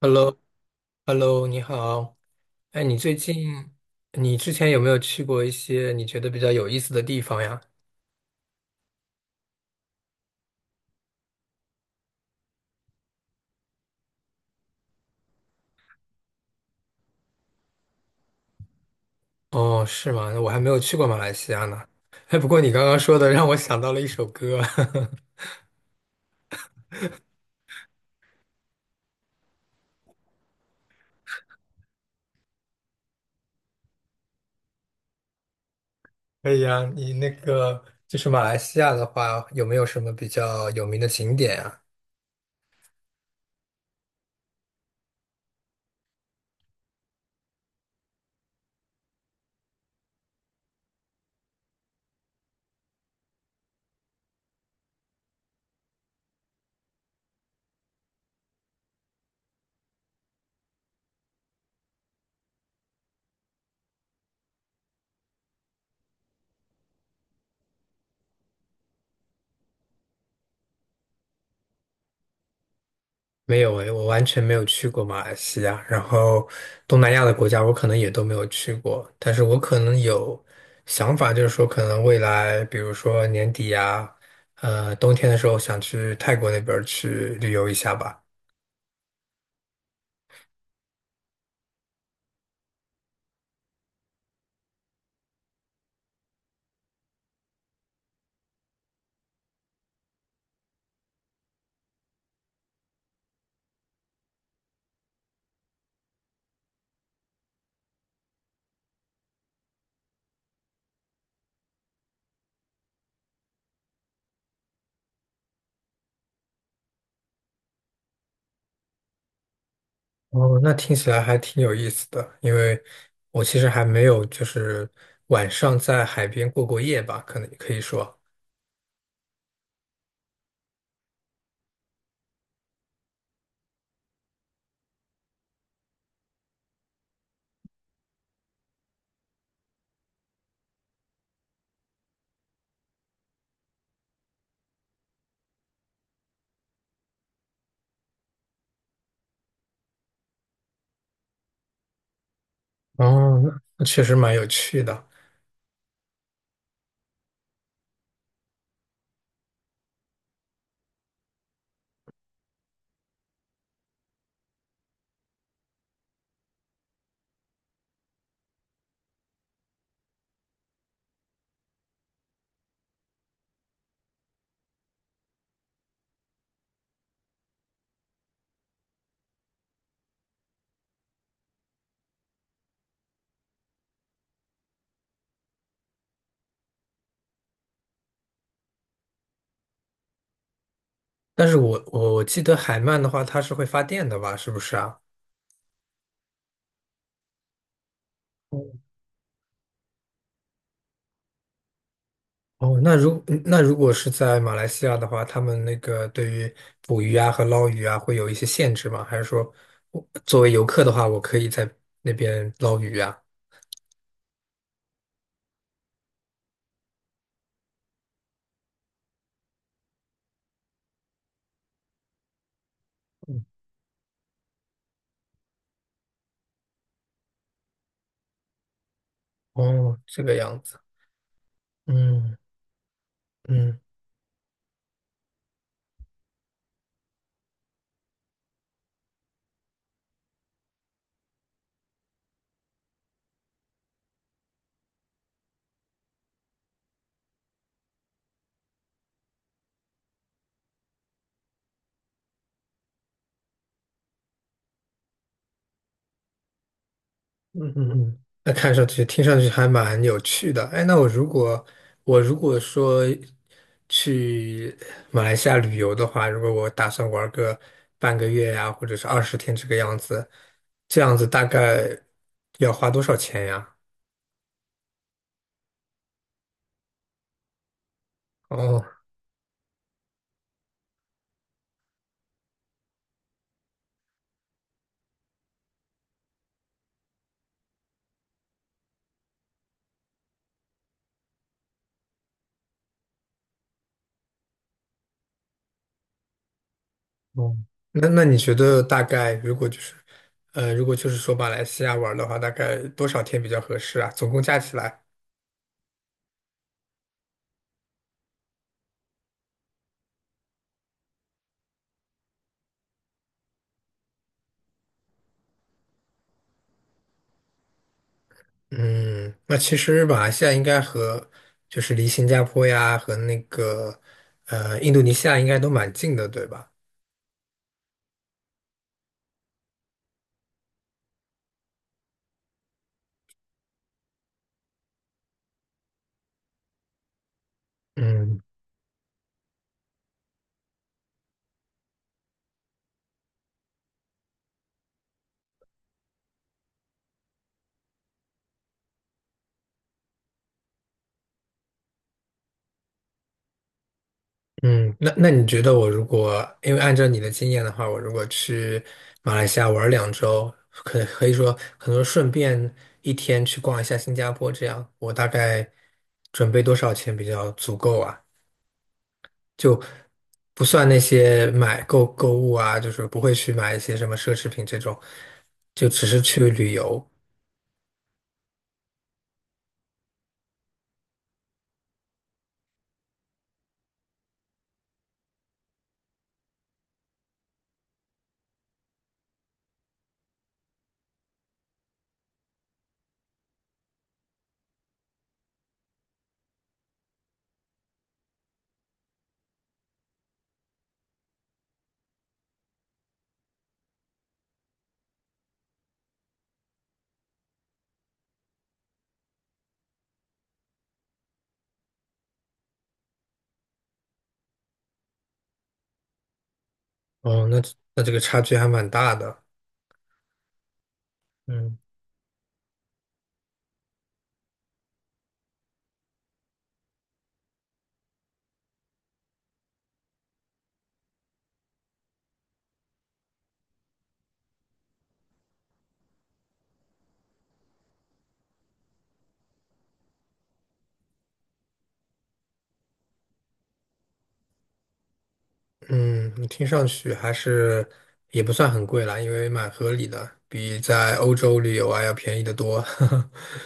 Hello，Hello，你好。哎，你最近，你之前有没有去过一些你觉得比较有意思的地方呀？哦，是吗？我还没有去过马来西亚呢。哎，不过你刚刚说的让我想到了一首歌。可以啊，你那个就是马来西亚的话，有没有什么比较有名的景点啊？没有诶，我完全没有去过马来西亚，然后东南亚的国家我可能也都没有去过，但是我可能有想法，就是说可能未来，比如说年底呀，冬天的时候想去泰国那边儿去旅游一下吧。哦，那听起来还挺有意思的，因为我其实还没有就是晚上在海边过过夜吧，可能可以说。哦，那确实蛮有趣的。但是我记得海鳗的话，它是会发电的吧？是不是啊？哦，那如果是在马来西亚的话，他们那个对于捕鱼啊和捞鱼啊会有一些限制吗？还是说我作为游客的话，我可以在那边捞鱼啊？哦，这个样子。嗯嗯。嗯嗯嗯，那看上去、听上去还蛮有趣的。哎，那我如果说去马来西亚旅游的话，如果我打算玩个半个月呀，或者是20天这个样子，这样子大概要花多少钱呀？哦，哦。那你觉得大概如果就是如果就是说马来西亚玩的话，大概多少天比较合适啊？总共加起来？嗯，那其实马来西亚应该和就是离新加坡呀和那个印度尼西亚应该都蛮近的，对吧？嗯嗯，那你觉得我如果因为按照你的经验的话，我如果去马来西亚玩儿两周，可以说可能顺便一天去逛一下新加坡，这样我大概准备多少钱比较足够啊？就不算那些购物啊，就是不会去买一些什么奢侈品这种，就只是去旅游。哦，那这个差距还蛮大的。嗯嗯，你听上去还是也不算很贵啦，因为蛮合理的，比在欧洲旅游啊要便宜得多。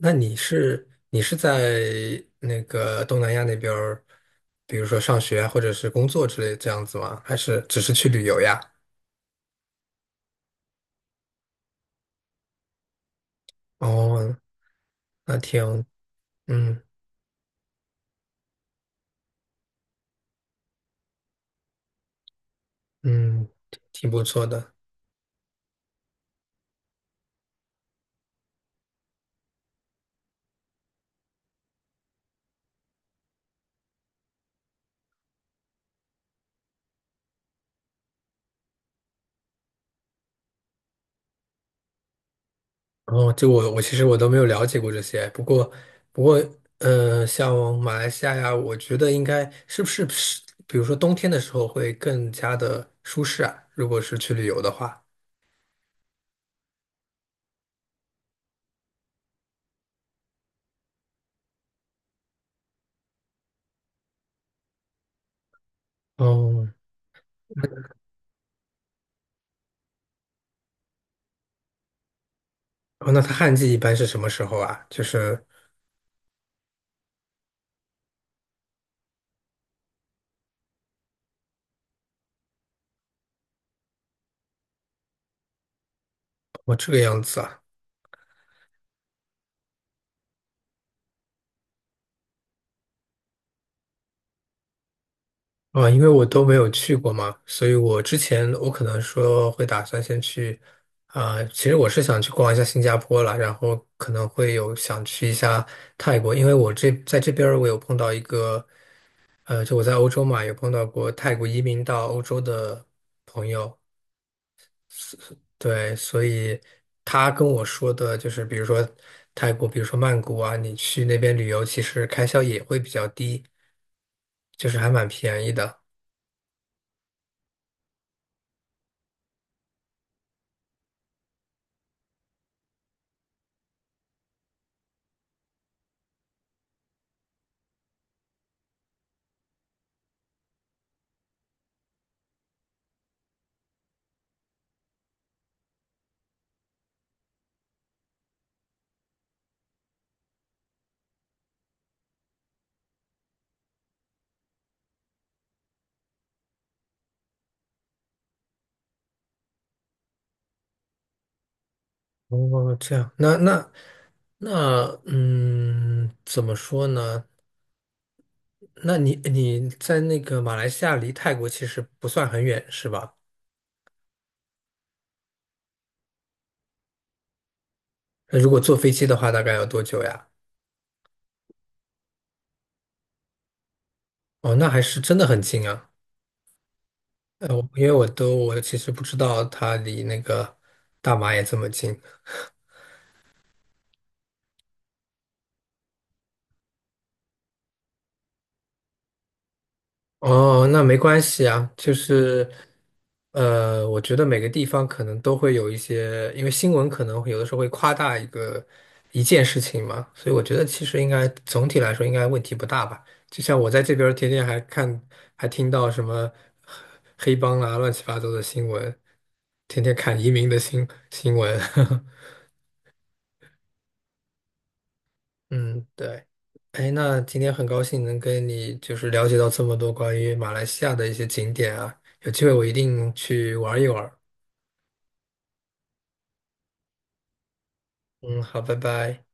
那你是在那个东南亚那边儿，比如说上学啊或者是工作之类这样子吗？还是只是去旅游呀？哦，那挺，嗯。嗯，挺不错的。哦，就我其实我都没有了解过这些，不过不过，像马来西亚呀，我觉得应该是不是，比如说冬天的时候会更加的舒适啊，如果是去旅游的话。哦，哦，那它旱季一般是什么时候啊？就是哦这个样子啊。啊，因为我都没有去过嘛，所以我之前我可能说会打算先去，啊、其实我是想去逛一下新加坡啦，然后可能会有想去一下泰国，因为我这在这边儿我有碰到一个，就我在欧洲嘛，有碰到过泰国移民到欧洲的朋友，对，所以他跟我说的就是，比如说泰国，比如说曼谷啊，你去那边旅游，其实开销也会比较低，就是还蛮便宜的。哦，这样，那那，嗯，怎么说呢？那你在那个马来西亚离泰国其实不算很远，是吧？那如果坐飞机的话，大概要多久呀？哦，那还是真的很近啊。我因为我其实不知道它离那个大马也这么近。哦，那没关系啊，就是，我觉得每个地方可能都会有一些，因为新闻可能会有的时候会夸大一件事情嘛，所以我觉得其实应该总体来说应该问题不大吧。就像我在这边儿天天还看，还听到什么黑帮啊、乱七八糟的新闻，天天看移民的新闻。嗯，对。哎，那今天很高兴能跟你就是了解到这么多关于马来西亚的一些景点啊，有机会我一定去玩一玩。嗯，好，拜拜。